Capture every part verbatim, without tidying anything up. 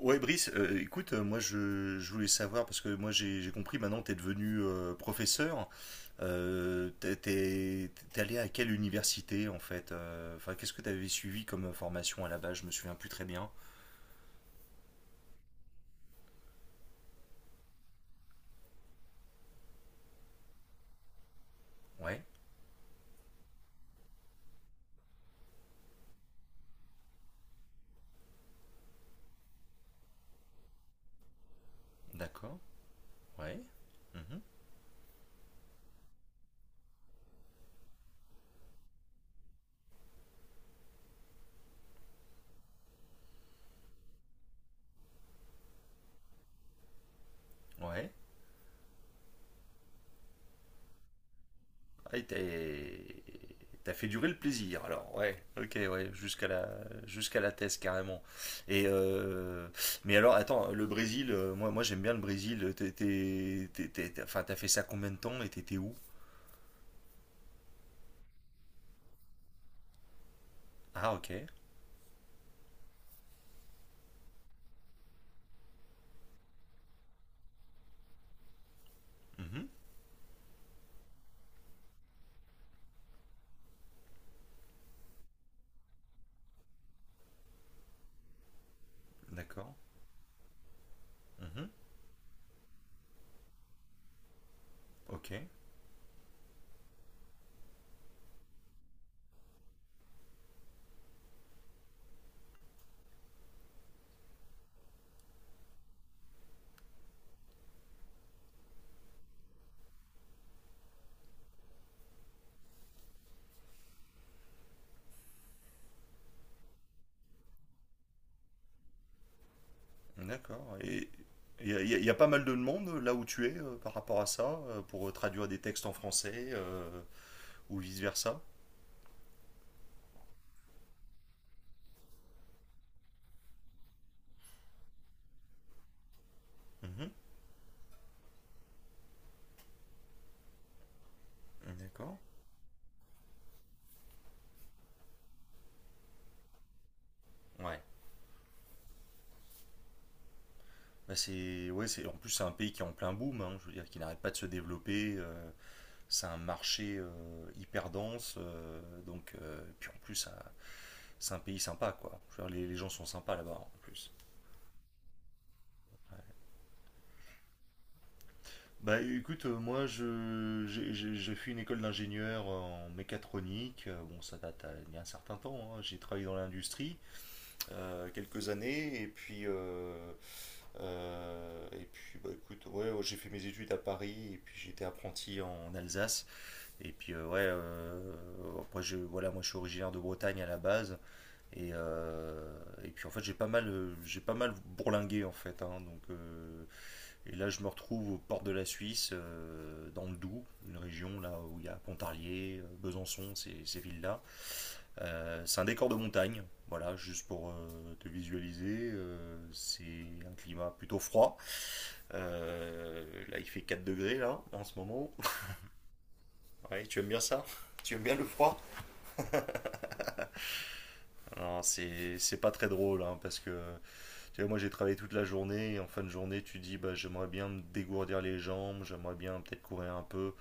Ouais, Brice, euh, écoute, euh, moi je, je voulais savoir, parce que moi j'ai j'ai compris, maintenant tu es devenu euh, professeur, euh, t'es t'es- t'es allé à quelle université en fait euh, Enfin, qu'est-ce que tu avais suivi comme formation à la base? Je me souviens plus très bien. Ouais, d'accord, ouais, mhm, ouais, Ah, et t'as- t'as fait durer le plaisir, alors, ouais, ok, ouais, jusqu'à la, jusqu'à la thèse, carrément. Et euh, mais alors, attends, le Brésil, euh, moi, moi j'aime bien le Brésil. T'es, t'es- t'es- t'es- t'es- enfin, t'as fait ça combien de temps et t'étais où? Ah, ok. Mhm. D'accord. Mhm. Ok. D'accord. Et il y, a y a- y a pas mal de monde là où tu es euh, par rapport à ça, euh, pour traduire des textes en français euh, ou vice-versa. Mhm. D'accord. Ouais. Bah, c'est, ouais, c'est, en plus, c'est un pays qui est en plein boom, hein, je veux dire, qui n'arrête pas de se développer. Euh, c'est un marché euh, hyper dense. Euh, donc, euh, puis en plus, ça- c'est un pays sympa, quoi. Je veux dire, les, les gens sont sympas là-bas, en plus. Bah écoute, euh, moi, je, j'ai, j'ai- j'ai fait une école d'ingénieur en mécatronique. Euh, Bon, ça date à- il y a un certain temps, hein. J'ai travaillé dans l'industrie euh, quelques années. Et puis, euh, euh, et puis bah, écoute, ouais, ouais, j'ai fait mes études à Paris. Et puis, j'étais apprenti en Alsace. Et puis euh, ouais, euh, après je, voilà, moi je suis originaire de Bretagne à la base et, euh, et puis en fait j'ai pas mal, euh, j'ai pas mal bourlingué en fait, hein, donc euh, et là je me retrouve aux portes de la Suisse, euh, dans le Doubs, une région là où il y a Pontarlier, euh, Besançon, ces, ces villes-là. Euh, c'est un décor de montagne, voilà, juste pour euh, te visualiser, euh, c'est un climat plutôt froid. Euh, là il fait quatre degrés là en ce moment. Ouais, tu aimes bien ça? Tu aimes bien le froid? Alors, c'est c'est pas très drôle, hein, parce que tu vois, moi j'ai travaillé toute la journée et en fin de journée, tu dis bah, j'aimerais bien me dégourdir les jambes, j'aimerais bien peut-être courir un peu.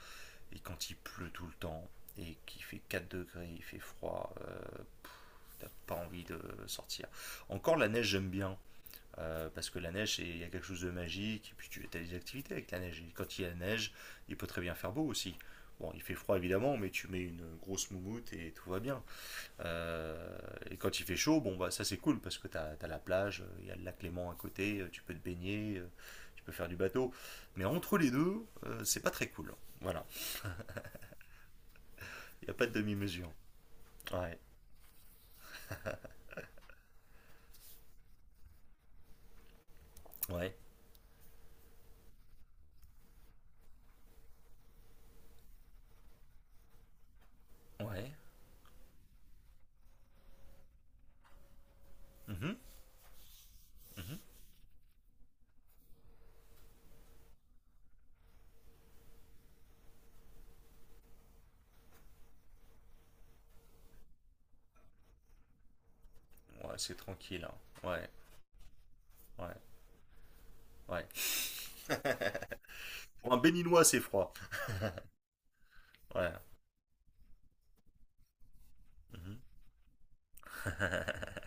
Et quand il pleut tout le temps et qu'il fait quatre degrés, il fait froid, euh, pff, t'as pas envie de sortir. Encore la neige, j'aime bien. Euh, parce que la neige, c'est- il y a quelque chose de magique, et puis tu as des activités avec la neige. Et quand il y a neige, il peut très bien faire beau aussi. Bon, il fait froid évidemment, mais tu mets une grosse moumoute et tout va bien. Euh, et quand il fait chaud, bon, bah, ça c'est cool parce que tu as, la plage, il y a le lac Léman à côté, euh, tu peux te baigner, euh, tu peux faire du bateau. Mais entre les deux, euh, c'est pas très cool, hein. Voilà, il n'y a pas de demi-mesure. Ouais, ouais, ouais. Mhm, mhm. Ouais, c'est tranquille, hein. Ouais, ouais, ouais. Pour un béninois, c'est froid. Ouais. Mhm.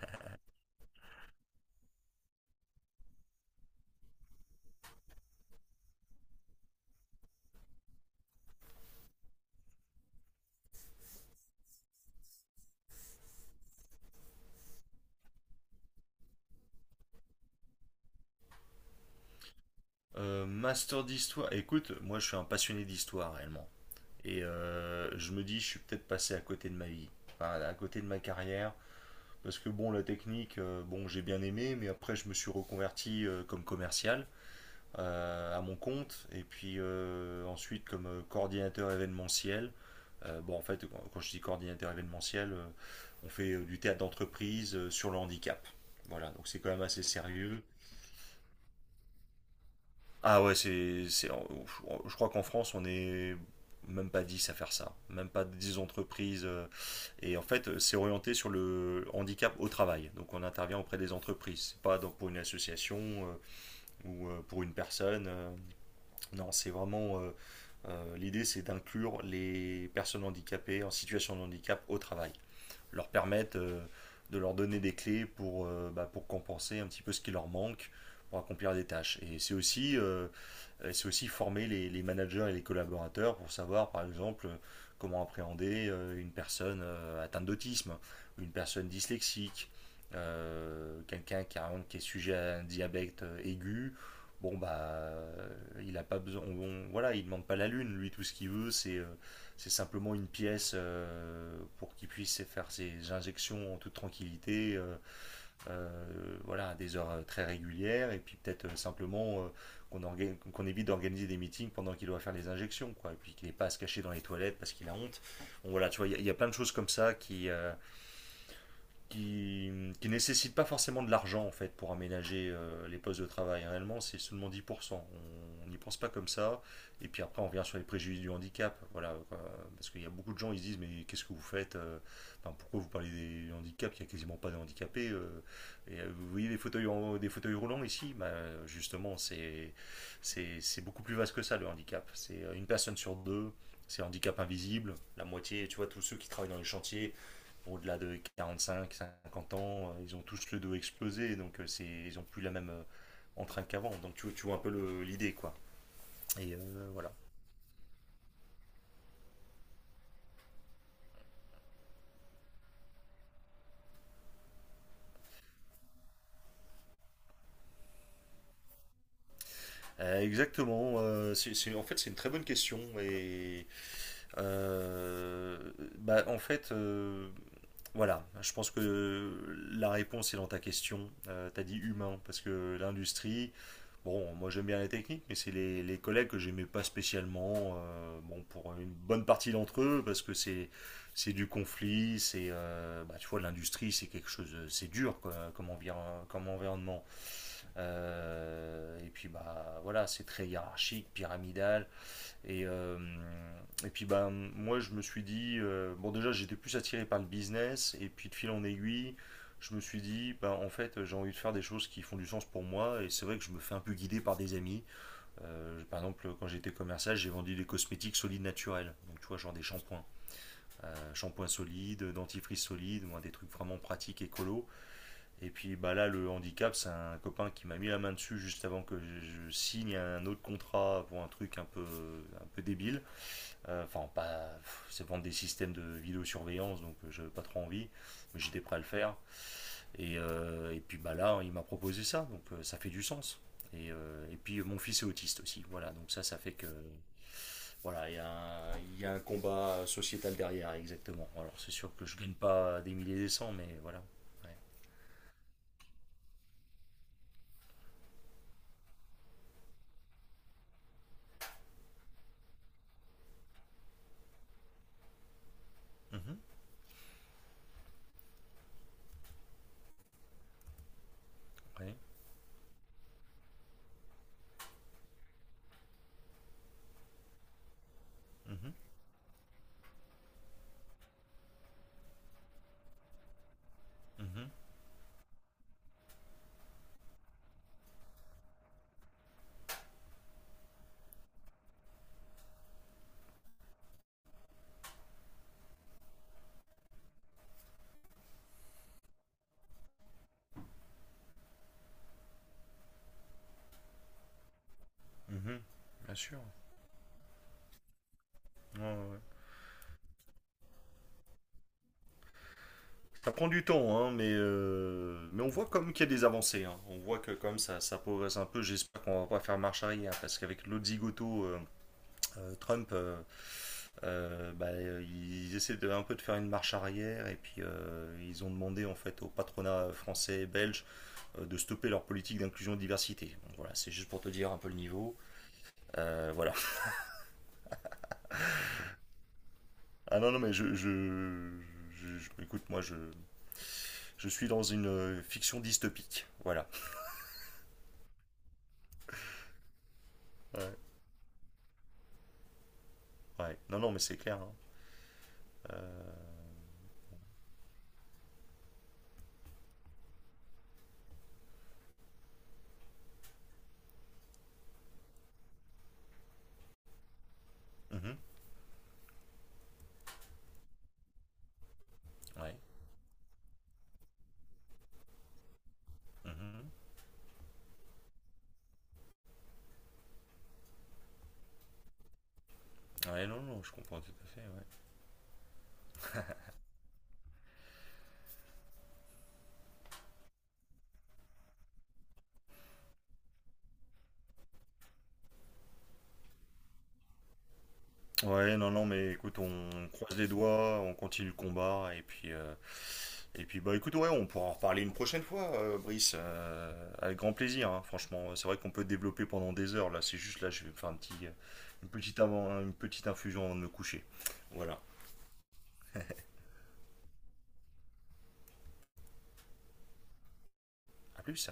Euh, master d'histoire. Écoute, moi je suis un passionné d'histoire réellement. Et euh, je me dis, je suis peut-être passé à côté de ma vie, enfin, à côté de ma carrière. Parce que bon, la technique, euh, bon, j'ai bien aimé, mais après, je me suis reconverti euh, comme commercial euh, à mon compte, et puis euh, ensuite comme euh, coordinateur événementiel. Euh, bon, en fait, quand- je dis coordinateur événementiel, euh, on fait euh, du théâtre d'entreprise euh, sur le handicap. Voilà, donc c'est quand même assez sérieux. Ah ouais, c'est, c'est, je crois qu'en France, on est même pas dix à faire ça, même pas dix entreprises. euh, Et en fait, c'est orienté sur le handicap au travail. Donc on intervient auprès des entreprises, c'est pas donc pour une association euh, ou euh, pour une personne. euh, Non, c'est vraiment euh, euh, l'idée, c'est d'inclure les personnes handicapées en situation de handicap au travail, leur permettre euh, de leur donner des clés pour, euh, bah, pour compenser un petit peu ce qui leur manque pour accomplir des tâches. Et c'est aussi euh, euh, c'est aussi former les, les managers et les collaborateurs pour savoir, par exemple, euh, comment appréhender euh, une personne euh, atteinte d'autisme, une personne dyslexique, euh, quelqu'un qui, qui est sujet à un diabète euh, aigu. Bon, bah, euh, il a pas besoin. On- voilà, il demande pas la lune. Lui, tout ce qu'il veut, c'est euh, c'est simplement une pièce euh, pour qu'il puisse faire ses injections en toute tranquillité. euh, euh, voilà, à des heures euh, très régulières, et puis peut-être euh, simplement euh, qu'on orga- qu'on évite d'organiser des meetings pendant qu'il doit faire les injections, quoi, et puis qu'il n'ait pas à se cacher dans les toilettes parce qu'il a honte. Bon, voilà, tu vois, il y, a- il y a plein de choses comme ça qui, euh, qui, qui nécessitent pas forcément de l'argent en fait pour aménager euh, les postes de travail. Réellement, c'est seulement dix pour cent. On n'y pense pas comme ça. Et puis après, on revient sur les préjudices du handicap. Voilà, quoi. Parce qu'il y a beaucoup de gens, ils se disent mais qu'est-ce que vous faites? Euh, enfin, pourquoi vous parlez des handicaps? Il n'y a quasiment pas de handicapés, euh. et, euh, vous voyez des fauteuils, des fauteuils roulants ici? Bah, justement, c'est c'est- beaucoup plus vaste que ça le handicap. C'est euh, une personne sur deux. C'est handicap invisible, la moitié, tu vois, tous ceux qui travaillent dans les chantiers, au-delà de quarante-cinq, cinquante ans, euh, ils ont tous le dos explosé, donc euh, c'est, ils ont plus la même euh, entrain qu'avant. Donc tu, tu vois un peu le, l'idée, quoi. Et euh, voilà. Euh, exactement. Euh, c'est, c'est- en fait, c'est une très bonne question. Et Euh, bah, en fait, euh, voilà, je pense que la réponse est dans ta question. Euh, t'as dit humain, parce que l'industrie, bon, moi j'aime bien la technique, mais c'est les, les collègues que j'aimais pas spécialement, euh, bon, pour une bonne partie d'entre eux, parce que c'est c'est du conflit, c'est, euh, bah, tu vois, l'industrie, c'est quelque chose, c'est dur quoi, comme, envir- comme environnement. Euh, et puis, bah, voilà, c'est très hiérarchique, pyramidal. Et, euh, et puis bah, moi je me suis dit, euh, bon déjà j'étais plus attiré par le business, et puis de fil en aiguille, je me suis dit, bah, en fait j'ai envie de faire des choses qui font du sens pour moi, et c'est vrai que je me fais un peu guider par des amis. Euh, par exemple quand j'étais commercial j'ai vendu des cosmétiques solides naturels, donc tu vois genre des shampoings, Euh, shampoings solides, dentifrice solide, moi, des trucs vraiment pratiques, écolo. Et puis bah, là le handicap c'est un copain qui m'a mis la main dessus juste avant que je, je signe un autre contrat pour un truc un peu, un peu débile. Euh, Enfin, pas. C'est vendre des systèmes de vidéosurveillance, donc je j'avais pas trop envie, mais j'étais prêt à le faire. Et, euh, et puis bah là, hein, il m'a proposé ça, donc euh, ça fait du sens. Et, euh, et puis euh, mon fils est autiste aussi, voilà, donc ça, ça fait que. Voilà, il y, a un- il y a un combat sociétal derrière, exactement. Alors c'est sûr que je gagne pas des milliers et des cents, mais voilà. Ouais. Mhm, ouais, mhm, mhm, mhm, bien sûr. Ouais, ouais, ouais. Ça prend du temps, hein, mais, euh, mais on voit quand même qu'il y a des avancées, hein. On voit que comme ça, ça progresse un peu. J'espère qu'on va pas faire marche arrière, parce qu'avec l'autre zigoto, euh, euh, Trump, euh, euh, bah, euh, ils essaient de, un peu de faire une marche arrière, et puis euh, ils ont demandé en fait au patronat français et belge euh, de stopper leur politique d'inclusion et de diversité. Donc voilà, c'est juste pour te dire un peu le niveau. Euh, voilà. Ah non, non, mais je... je... je- je- écoute, moi, je, je suis dans une euh, fiction dystopique. Voilà. Ouais. Ouais. Non, non, mais c'est clair, hein. Euh, mhm, ouais. Mhm. Ouais, non, non, je comprends tout à fait. Ouais, ouais, non, non, mais écoute, on croise les doigts, on continue le combat, et puis, euh, et puis bah écoute, ouais, on pourra en reparler une prochaine fois, euh, Brice, euh, avec grand plaisir, hein, franchement. C'est vrai qu'on peut développer pendant des heures, là, c'est juste là, je vais me faire un petit, une petite avant, une petite infusion avant de me coucher. Voilà, à plus.